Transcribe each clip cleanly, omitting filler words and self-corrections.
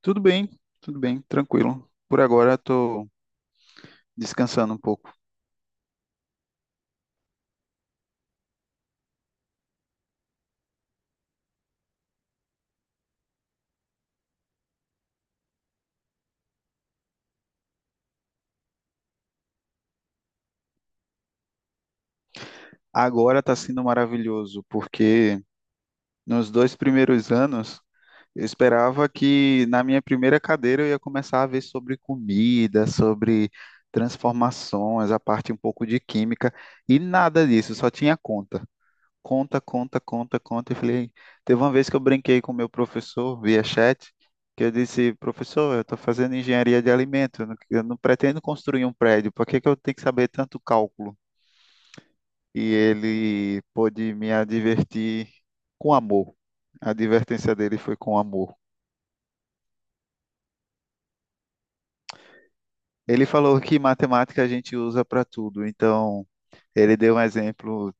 Tudo bem, tudo bem, tranquilo. Por agora estou descansando um pouco. Agora está sendo maravilhoso, porque nos dois primeiros anos eu esperava que na minha primeira cadeira eu ia começar a ver sobre comida, sobre transformações, a parte um pouco de química, e nada disso, só tinha conta. Conta, conta, conta, conta. E falei, teve uma vez que eu brinquei com o meu professor via chat, que eu disse, professor, eu estou fazendo engenharia de alimento, eu não pretendo construir um prédio, por que que eu tenho que saber tanto cálculo? E ele pôde me advertir com amor. A advertência dele foi com amor. Ele falou que matemática a gente usa para tudo, então ele deu um exemplo.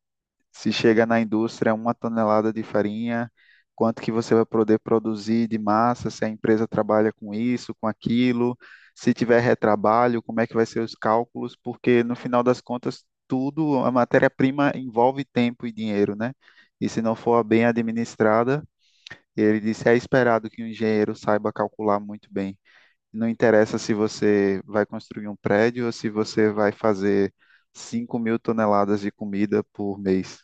Se chega na indústria uma tonelada de farinha, quanto que você vai poder produzir de massa, se a empresa trabalha com isso, com aquilo, se tiver retrabalho, como é que vai ser os cálculos, porque no final das contas, tudo, a matéria-prima envolve tempo e dinheiro, né? E se não for bem administrada, ele disse, é esperado que o engenheiro saiba calcular muito bem. Não interessa se você vai construir um prédio ou se você vai fazer 5.000 toneladas de comida por mês.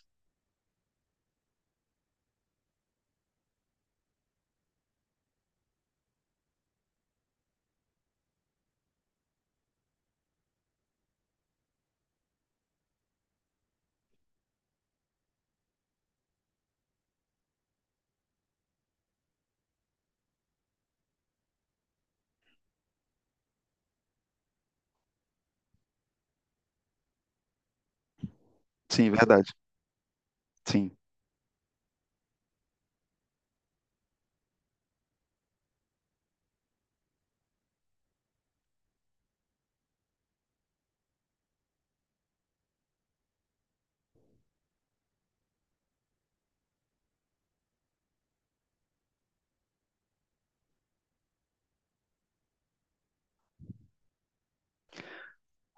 Sim, verdade. Sim.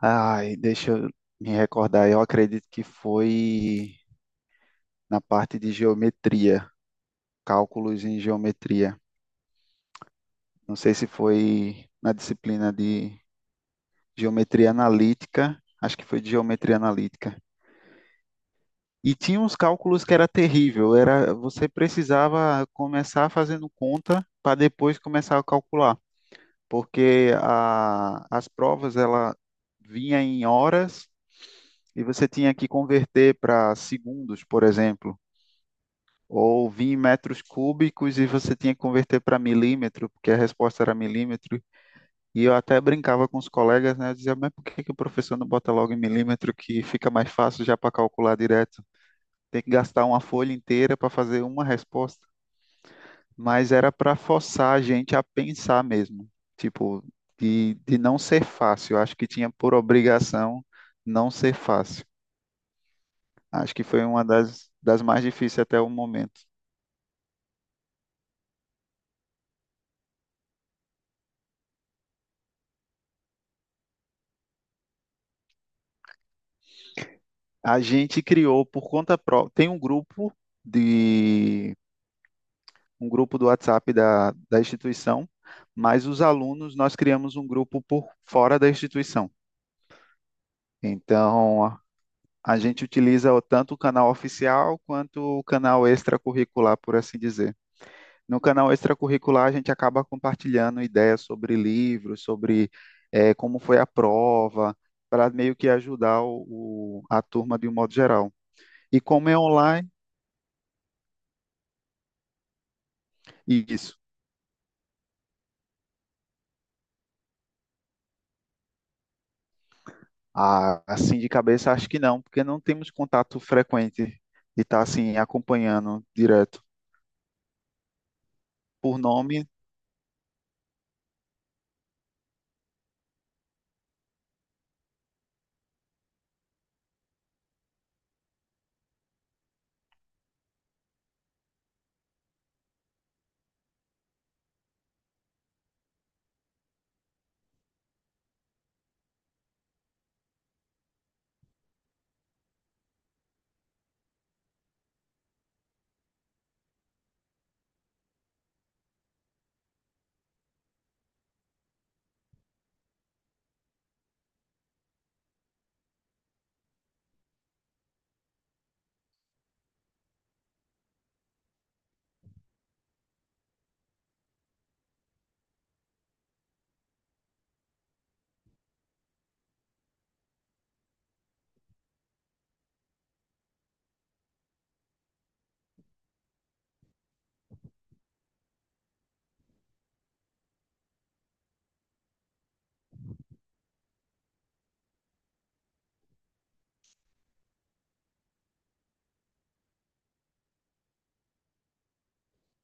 Ai, deixa eu me recordar. Eu acredito que foi na parte de geometria, cálculos em geometria. Não sei se foi na disciplina de geometria analítica, acho que foi de geometria analítica. E tinha uns cálculos que era terrível, era você precisava começar fazendo conta para depois começar a calcular, porque as provas ela vinha em horas e você tinha que converter para segundos, por exemplo, ou vir em metros cúbicos e você tinha que converter para milímetro, porque a resposta era milímetro. E eu até brincava com os colegas, né? Eu dizia, mas por que que o professor não bota logo em milímetro que fica mais fácil já para calcular direto? Tem que gastar uma folha inteira para fazer uma resposta. Mas era para forçar a gente a pensar mesmo, tipo, de não ser fácil. Eu acho que tinha por obrigação não ser fácil. Acho que foi uma das mais difíceis até o momento. A gente criou por conta própria. Tem um grupo de um grupo do WhatsApp da instituição, mas os alunos nós criamos um grupo por fora da instituição. Então a gente utiliza tanto o canal oficial quanto o canal extracurricular, por assim dizer. No canal extracurricular, a gente acaba compartilhando ideias sobre livros, sobre como foi a prova, para meio que ajudar a turma de um modo geral. E como é online, isso. Ah, assim de cabeça, acho que não, porque não temos contato frequente de estar assim acompanhando direto por nome.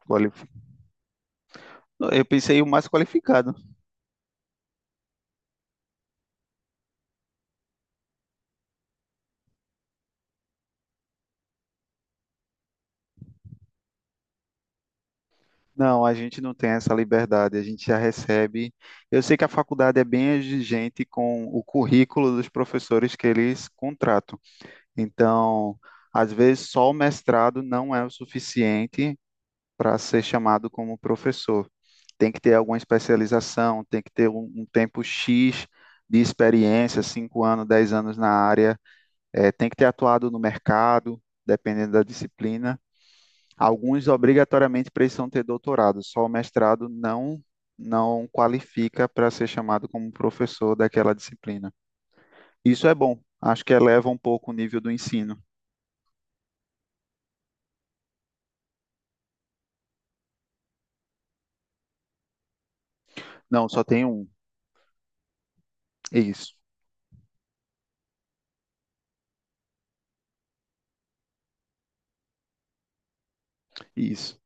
quali- Eu pensei o mais qualificado. Não, a gente não tem essa liberdade, a gente já recebe. Eu sei que a faculdade é bem exigente com o currículo dos professores que eles contratam. Então, às vezes, só o mestrado não é o suficiente para ser chamado como professor. Tem que ter alguma especialização, tem que ter um tempo X de experiência, 5 anos, 10 anos na área, tem que ter atuado no mercado, dependendo da disciplina. Alguns obrigatoriamente precisam ter doutorado, só o mestrado não qualifica para ser chamado como professor daquela disciplina. Isso é bom, acho que eleva um pouco o nível do ensino. Não, só tem um. Isso, isso.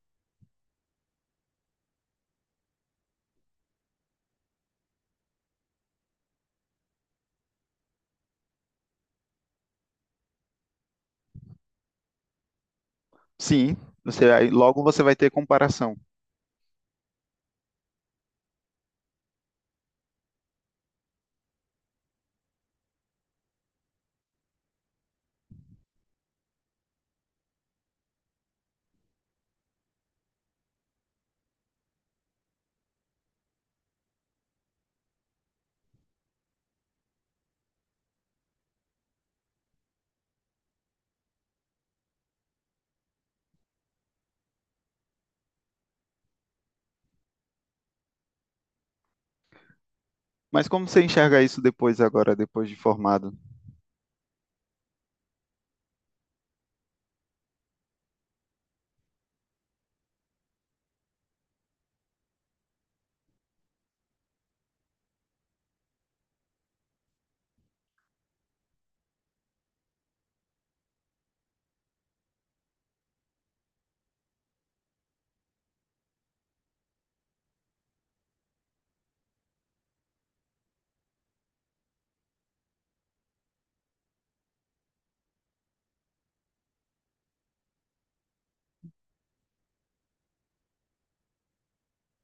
Sim, você aí logo você vai ter comparação. Mas como você enxerga isso depois agora, depois de formado?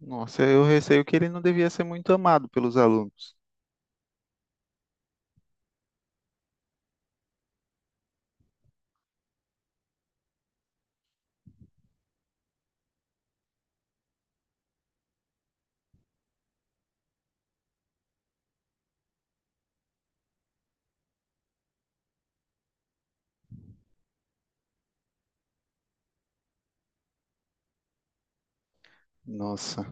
Nossa, eu receio que ele não devia ser muito amado pelos alunos. Nossa.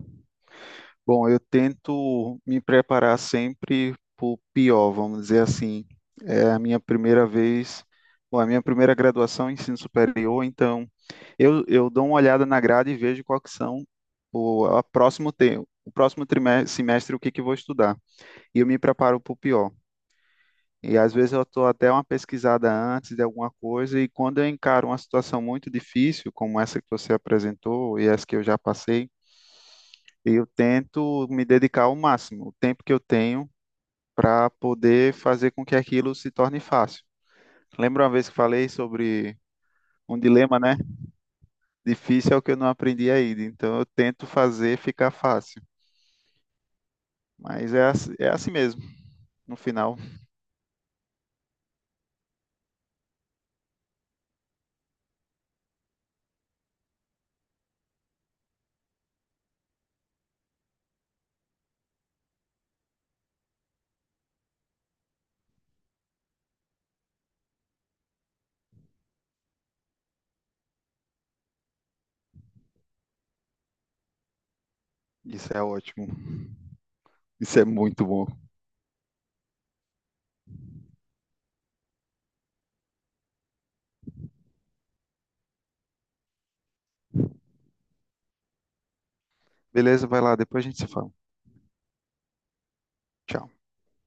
Bom, eu tento me preparar sempre para o pior, vamos dizer assim. É a minha primeira vez, bom, a minha primeira graduação em ensino superior, então eu dou uma olhada na grade e vejo qual que são o a próximo te, o próximo trimestre, semestre o que que eu vou estudar. E eu me preparo para o pior. E às vezes eu estou até uma pesquisada antes de alguma coisa, e quando eu encaro uma situação muito difícil, como essa que você apresentou e essa que eu já passei, e eu tento me dedicar ao máximo, o tempo que eu tenho, para poder fazer com que aquilo se torne fácil. Lembra uma vez que falei sobre um dilema, né? Difícil é o que eu não aprendi ainda, então eu tento fazer ficar fácil. Mas é assim mesmo, no final. Isso é ótimo. Isso é muito bom. Beleza, vai lá, depois a gente se fala. Tchau.